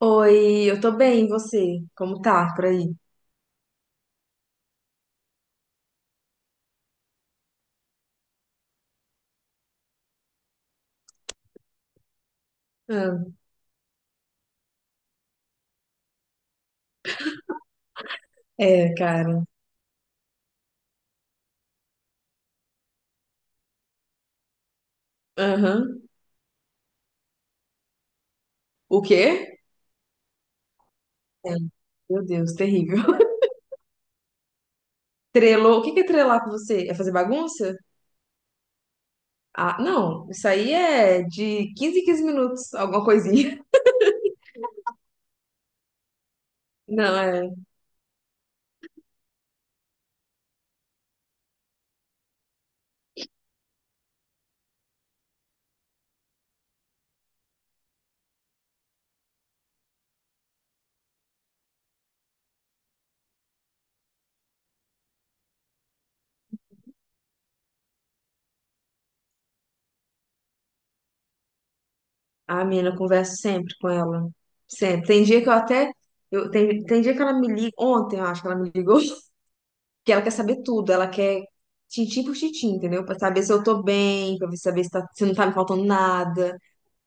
Oi, eu tô bem, e você? Como tá por aí? Ah, é, cara. Aham. O quê? É. Meu Deus, terrível. Trelou? O que que é trelar com você? É fazer bagunça? Ah, não, isso aí é em 15 minutos, alguma coisinha. Não, é. A menina, eu converso sempre com ela. Sempre. Tem dia que eu até. Tem dia que ela me liga. Ontem, eu acho que ela me ligou. Que ela quer saber tudo. Ela quer tintim por tintim, entendeu? Pra saber se eu tô bem, pra saber se, tá, se não tá me faltando nada.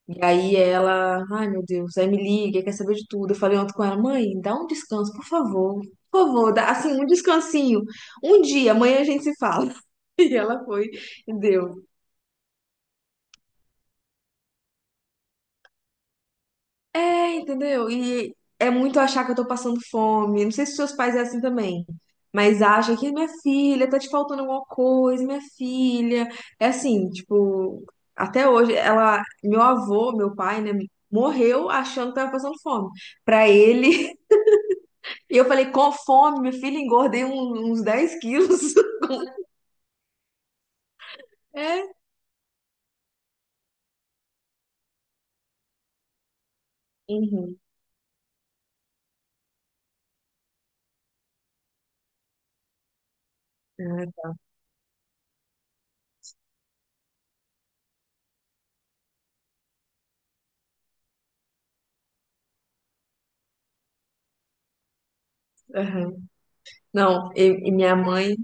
E aí ela, ai meu Deus, aí me liga, quer saber de tudo. Eu falei ontem com ela, mãe, dá um descanso, por favor. Por favor, dá assim, um descansinho. Um dia, amanhã a gente se fala. E ela foi e deu. É, entendeu? E é muito achar que eu tô passando fome. Não sei se seus pais é assim também. Mas acha que minha filha tá te faltando alguma coisa, minha filha. É assim, tipo, até hoje ela, meu avô, meu pai, né, morreu achando que tava passando fome. Pra ele E eu falei, com fome, minha filha, engordei uns 10 quilos. É. Uhum. É, aham. Não, e minha mãe,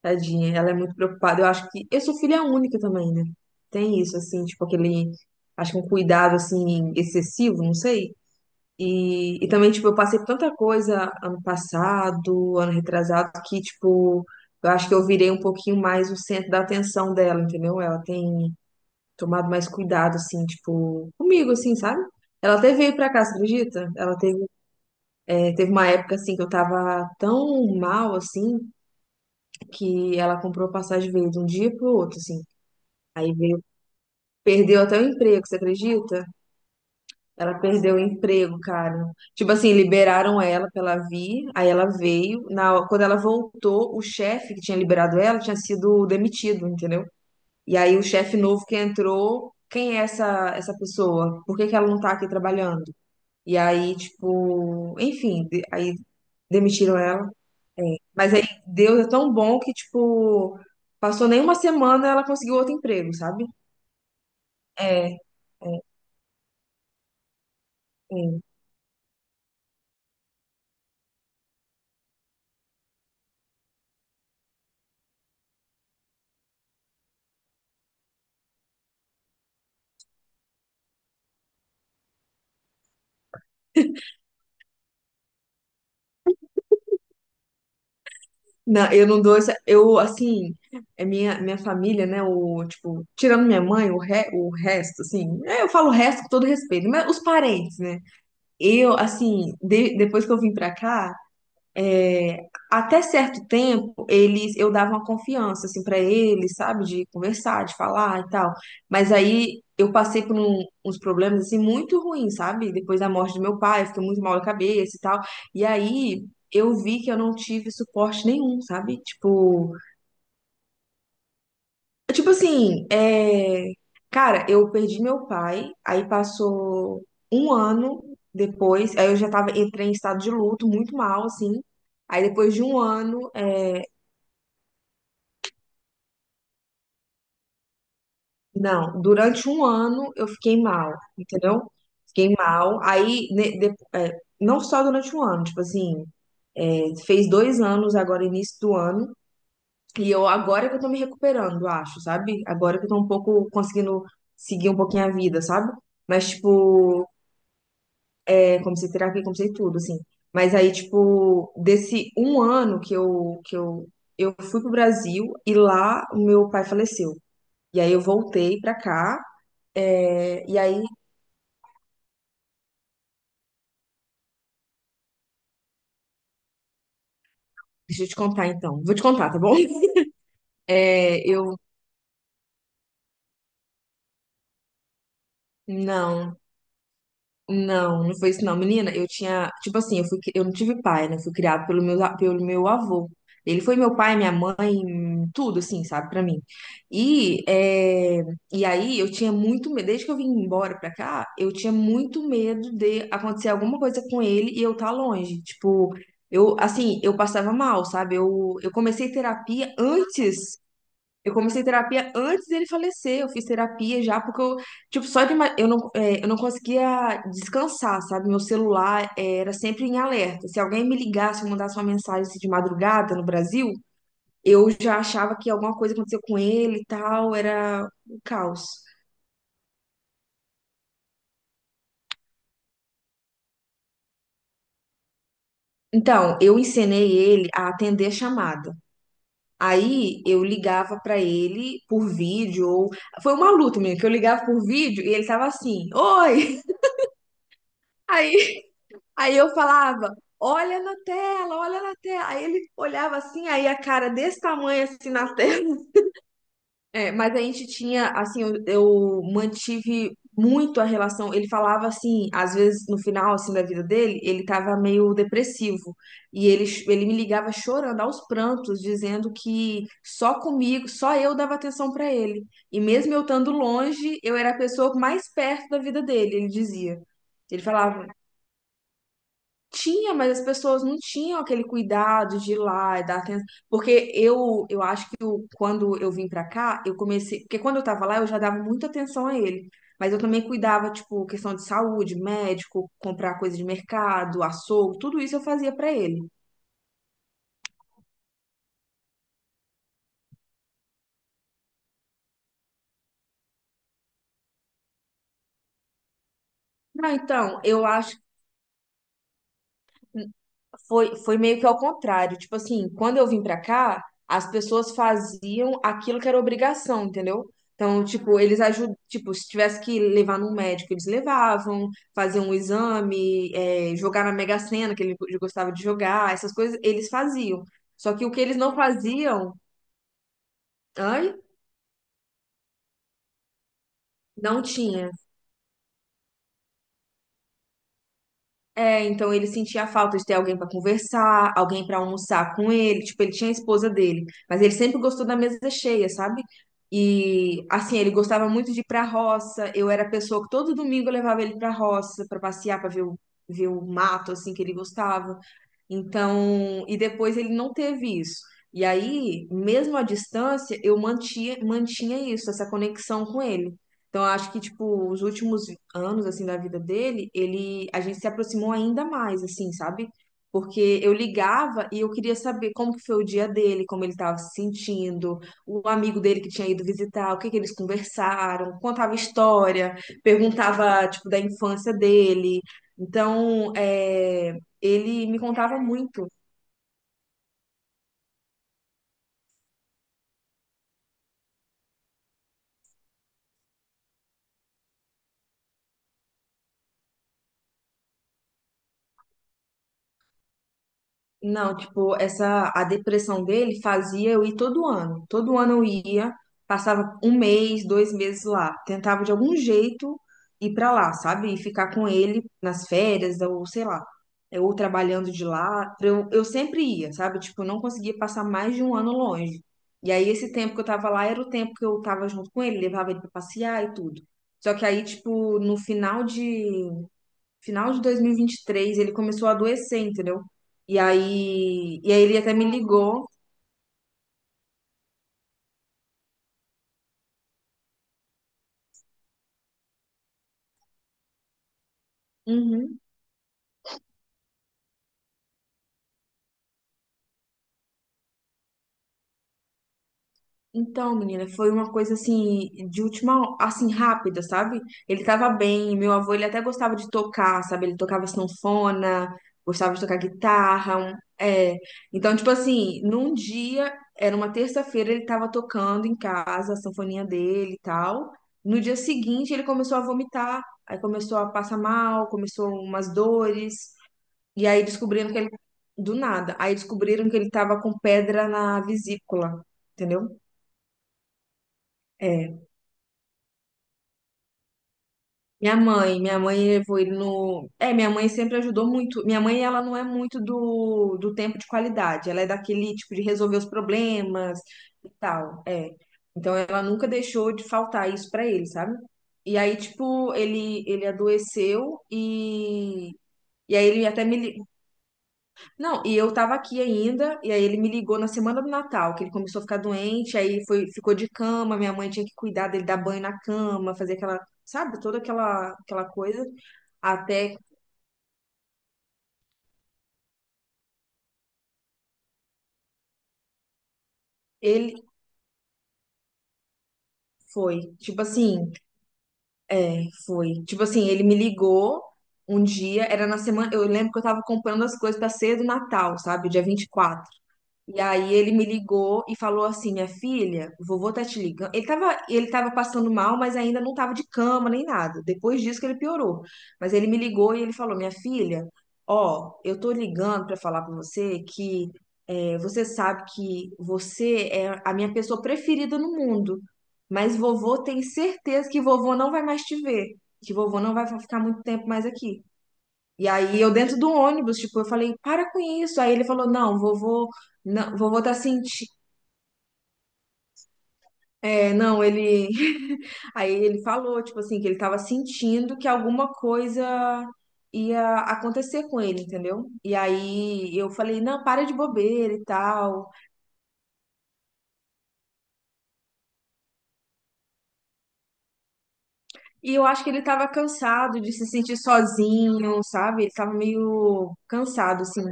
tadinha, ela é muito preocupada. Eu acho que eu sou filha única também, né? Tem isso, assim, tipo, acho que um cuidado, assim, excessivo, não sei. E também, tipo, eu passei por tanta coisa ano passado, ano retrasado, que, tipo, eu acho que eu virei um pouquinho mais o centro da atenção dela, entendeu? Ela tem tomado mais cuidado, assim, tipo, comigo, assim, sabe? Ela até veio pra cá, você acredita? Ela teve uma época, assim, que eu tava tão mal, assim, que ela comprou a passagem, veio de um dia pro outro, assim. Aí veio, perdeu até o emprego, você acredita? Ela perdeu o emprego, cara. Tipo assim, liberaram ela pra ela vir, aí ela veio. Quando ela voltou, o chefe que tinha liberado ela tinha sido demitido, entendeu? E aí o chefe novo que entrou, quem é essa pessoa? Por que que ela não tá aqui trabalhando? E aí, tipo, enfim, aí demitiram ela. Mas aí Deus é tão bom que, tipo, passou nem uma semana ela conseguiu outro emprego, sabe? É, é, é. Não, eu não dou essa. Eu, assim, é minha família, né? Tipo, tirando minha mãe, o resto, assim. Eu falo o resto com todo respeito, mas os parentes, né? Eu, assim, depois que eu vim pra cá. Até certo tempo, eu dava uma confiança, assim, para eles, sabe, de conversar, de falar e tal. Mas aí eu passei por uns problemas, assim, muito ruins, sabe? Depois da morte do meu pai, eu fiquei muito mal da cabeça e tal. E aí eu vi que eu não tive suporte nenhum, sabe? Tipo assim, cara, eu perdi meu pai, aí passou um ano depois, aí eu já tava, entrei em estado de luto, muito mal, assim. Aí depois de um ano, não, durante um ano eu fiquei mal, entendeu? Fiquei mal. Aí, não só durante um ano, tipo assim, fez 2 anos agora, início do ano, e eu agora que eu tô me recuperando, acho, sabe? Agora que eu tô um pouco conseguindo seguir um pouquinho a vida, sabe? Mas, tipo, comecei terapia, comecei tudo, assim. Mas aí, tipo, desse um ano que eu fui pro Brasil e lá o meu pai faleceu. E aí eu voltei pra cá. E aí, deixa eu te contar então. Vou te contar, tá bom? É, eu. Não, não, não foi isso não. Menina, eu tinha. Tipo assim, eu não tive pai, né? Eu fui criado pelo pelo meu avô. Ele foi meu pai, minha mãe, tudo, assim, sabe, pra mim. E, é, e aí eu tinha muito medo. Desde que eu vim embora pra cá, eu tinha muito medo de acontecer alguma coisa com ele e eu estar longe. Tipo, eu, assim, eu passava mal, sabe? Eu comecei terapia antes. Eu comecei terapia antes dele falecer. Eu fiz terapia já, porque eu, tipo, só de. Ima- Eu não, é, eu não conseguia descansar, sabe? Meu celular era sempre em alerta. Se alguém me ligasse, mandasse uma mensagem assim, de madrugada no Brasil, eu já achava que alguma coisa aconteceu com ele e tal. Era um caos. Então, eu ensinei ele a atender a chamada. Aí eu ligava pra ele por vídeo, ou foi uma luta minha, que eu ligava por vídeo e ele tava assim, oi! Aí Aí eu falava, olha na tela, olha na tela. Aí ele olhava assim, aí a cara desse tamanho assim na tela. É, mas a gente tinha, assim, eu mantive muito a relação. Ele falava assim, às vezes no final assim da vida dele, ele tava meio depressivo. E ele me ligava chorando aos prantos, dizendo que só comigo, só eu dava atenção pra ele. E mesmo eu estando longe, eu era a pessoa mais perto da vida dele, ele dizia. Ele falava, tinha, mas as pessoas não tinham aquele cuidado de ir lá e dar atenção. Porque eu acho que quando eu vim pra cá, eu comecei. Porque quando eu tava lá, eu já dava muita atenção a ele. Mas eu também cuidava, tipo, questão de saúde, médico, comprar coisa de mercado, açougue, tudo isso eu fazia pra ele. Não, então, eu acho. Foi meio que ao contrário. Tipo assim, quando eu vim pra cá, as pessoas faziam aquilo que era obrigação, entendeu? Então, tipo, eles ajudam, tipo, se tivesse que levar num médico, eles levavam, faziam um exame, jogar na Mega Sena, que ele gostava de jogar, essas coisas eles faziam. Só que o que eles não faziam, ai, não tinha. É, então ele sentia a falta de ter alguém pra conversar, alguém pra almoçar com ele. Tipo, ele tinha a esposa dele, mas ele sempre gostou da mesa cheia, sabe? E assim, ele gostava muito de ir pra roça. Eu era a pessoa que todo domingo eu levava ele pra roça pra passear, pra ver o mato assim que ele gostava. Então, e depois ele não teve isso. E aí, mesmo à distância, eu mantinha isso, essa conexão com ele. Então, eu acho que, tipo, os últimos anos, assim, da vida dele, a gente se aproximou ainda mais, assim, sabe? Porque eu ligava e eu queria saber como que foi o dia dele, como ele estava se sentindo, o amigo dele que tinha ido visitar, o que que eles conversaram, contava história, perguntava, tipo, da infância dele. Então, ele me contava muito. Não, tipo, essa a depressão dele fazia eu ir todo ano. Todo ano eu ia, passava um mês, 2 meses lá, tentava de algum jeito ir pra lá, sabe? E ficar com ele nas férias ou sei lá, ou trabalhando de lá. Eu sempre ia, sabe? Tipo, eu não conseguia passar mais de um ano longe. E aí esse tempo que eu tava lá era o tempo que eu tava junto com ele, levava ele pra passear e tudo. Só que aí, tipo, no final de dois mil e vinte e três ele começou a adoecer, entendeu? E aí ele até me ligou. Uhum. Então, menina, foi uma coisa assim, de última, assim, rápida, sabe? Ele tava bem, meu avô, ele até gostava de tocar, sabe? Ele tocava sanfona, gostava de tocar guitarra, é. Então, tipo assim, num dia, era uma terça-feira, ele tava tocando em casa, a sanfoninha dele e tal. No dia seguinte, ele começou a vomitar, aí começou a passar mal, começou umas dores. E aí descobriram que ele. Do nada. Aí descobriram que ele tava com pedra na vesícula. Entendeu? É. Minha mãe levou ele no. Minha mãe sempre ajudou muito. Minha mãe, ela não é muito do tempo de qualidade. Ela é daquele tipo de resolver os problemas e tal. É. Então ela nunca deixou de faltar isso pra ele, sabe? E aí, tipo, ele adoeceu e. E aí ele até me. Não, e eu tava aqui ainda, e aí ele me ligou na semana do Natal, que ele começou a ficar doente, aí foi, ficou de cama, minha mãe tinha que cuidar dele, dar banho na cama, fazer aquela, sabe, toda aquela coisa, até ele foi, tipo assim, ele me ligou um dia, era na semana, eu lembro que eu tava comprando as coisas pra ceia do Natal, sabe, dia 24. E aí ele me ligou e falou assim, minha filha, o vovô tá te ligando. Ele tava passando mal, mas ainda não tava de cama nem nada. Depois disso que ele piorou. Mas ele me ligou e ele falou, minha filha, ó, eu tô ligando pra falar com você você sabe que você é a minha pessoa preferida no mundo. Mas vovô tem certeza que vovô não vai mais te ver, que vovô não vai ficar muito tempo mais aqui. E aí eu dentro do ônibus, tipo, eu falei, para com isso. Aí ele falou, não, vovô, não, vovô tá sentindo. É, não, ele. Aí ele falou, tipo assim, que ele tava sentindo que alguma coisa ia acontecer com ele, entendeu? E aí eu falei, não, para de bobeira e tal. E eu acho que ele tava cansado de se sentir sozinho, sabe? Ele tava meio cansado, assim.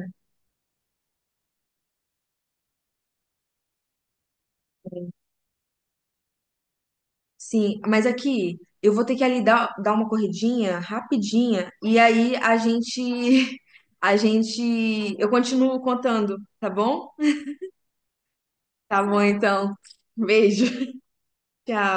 Sim, mas aqui eu vou ter que ali dar uma corridinha rapidinha e aí a gente a gente eu continuo contando, tá bom? Tá bom então. Beijo. Tchau.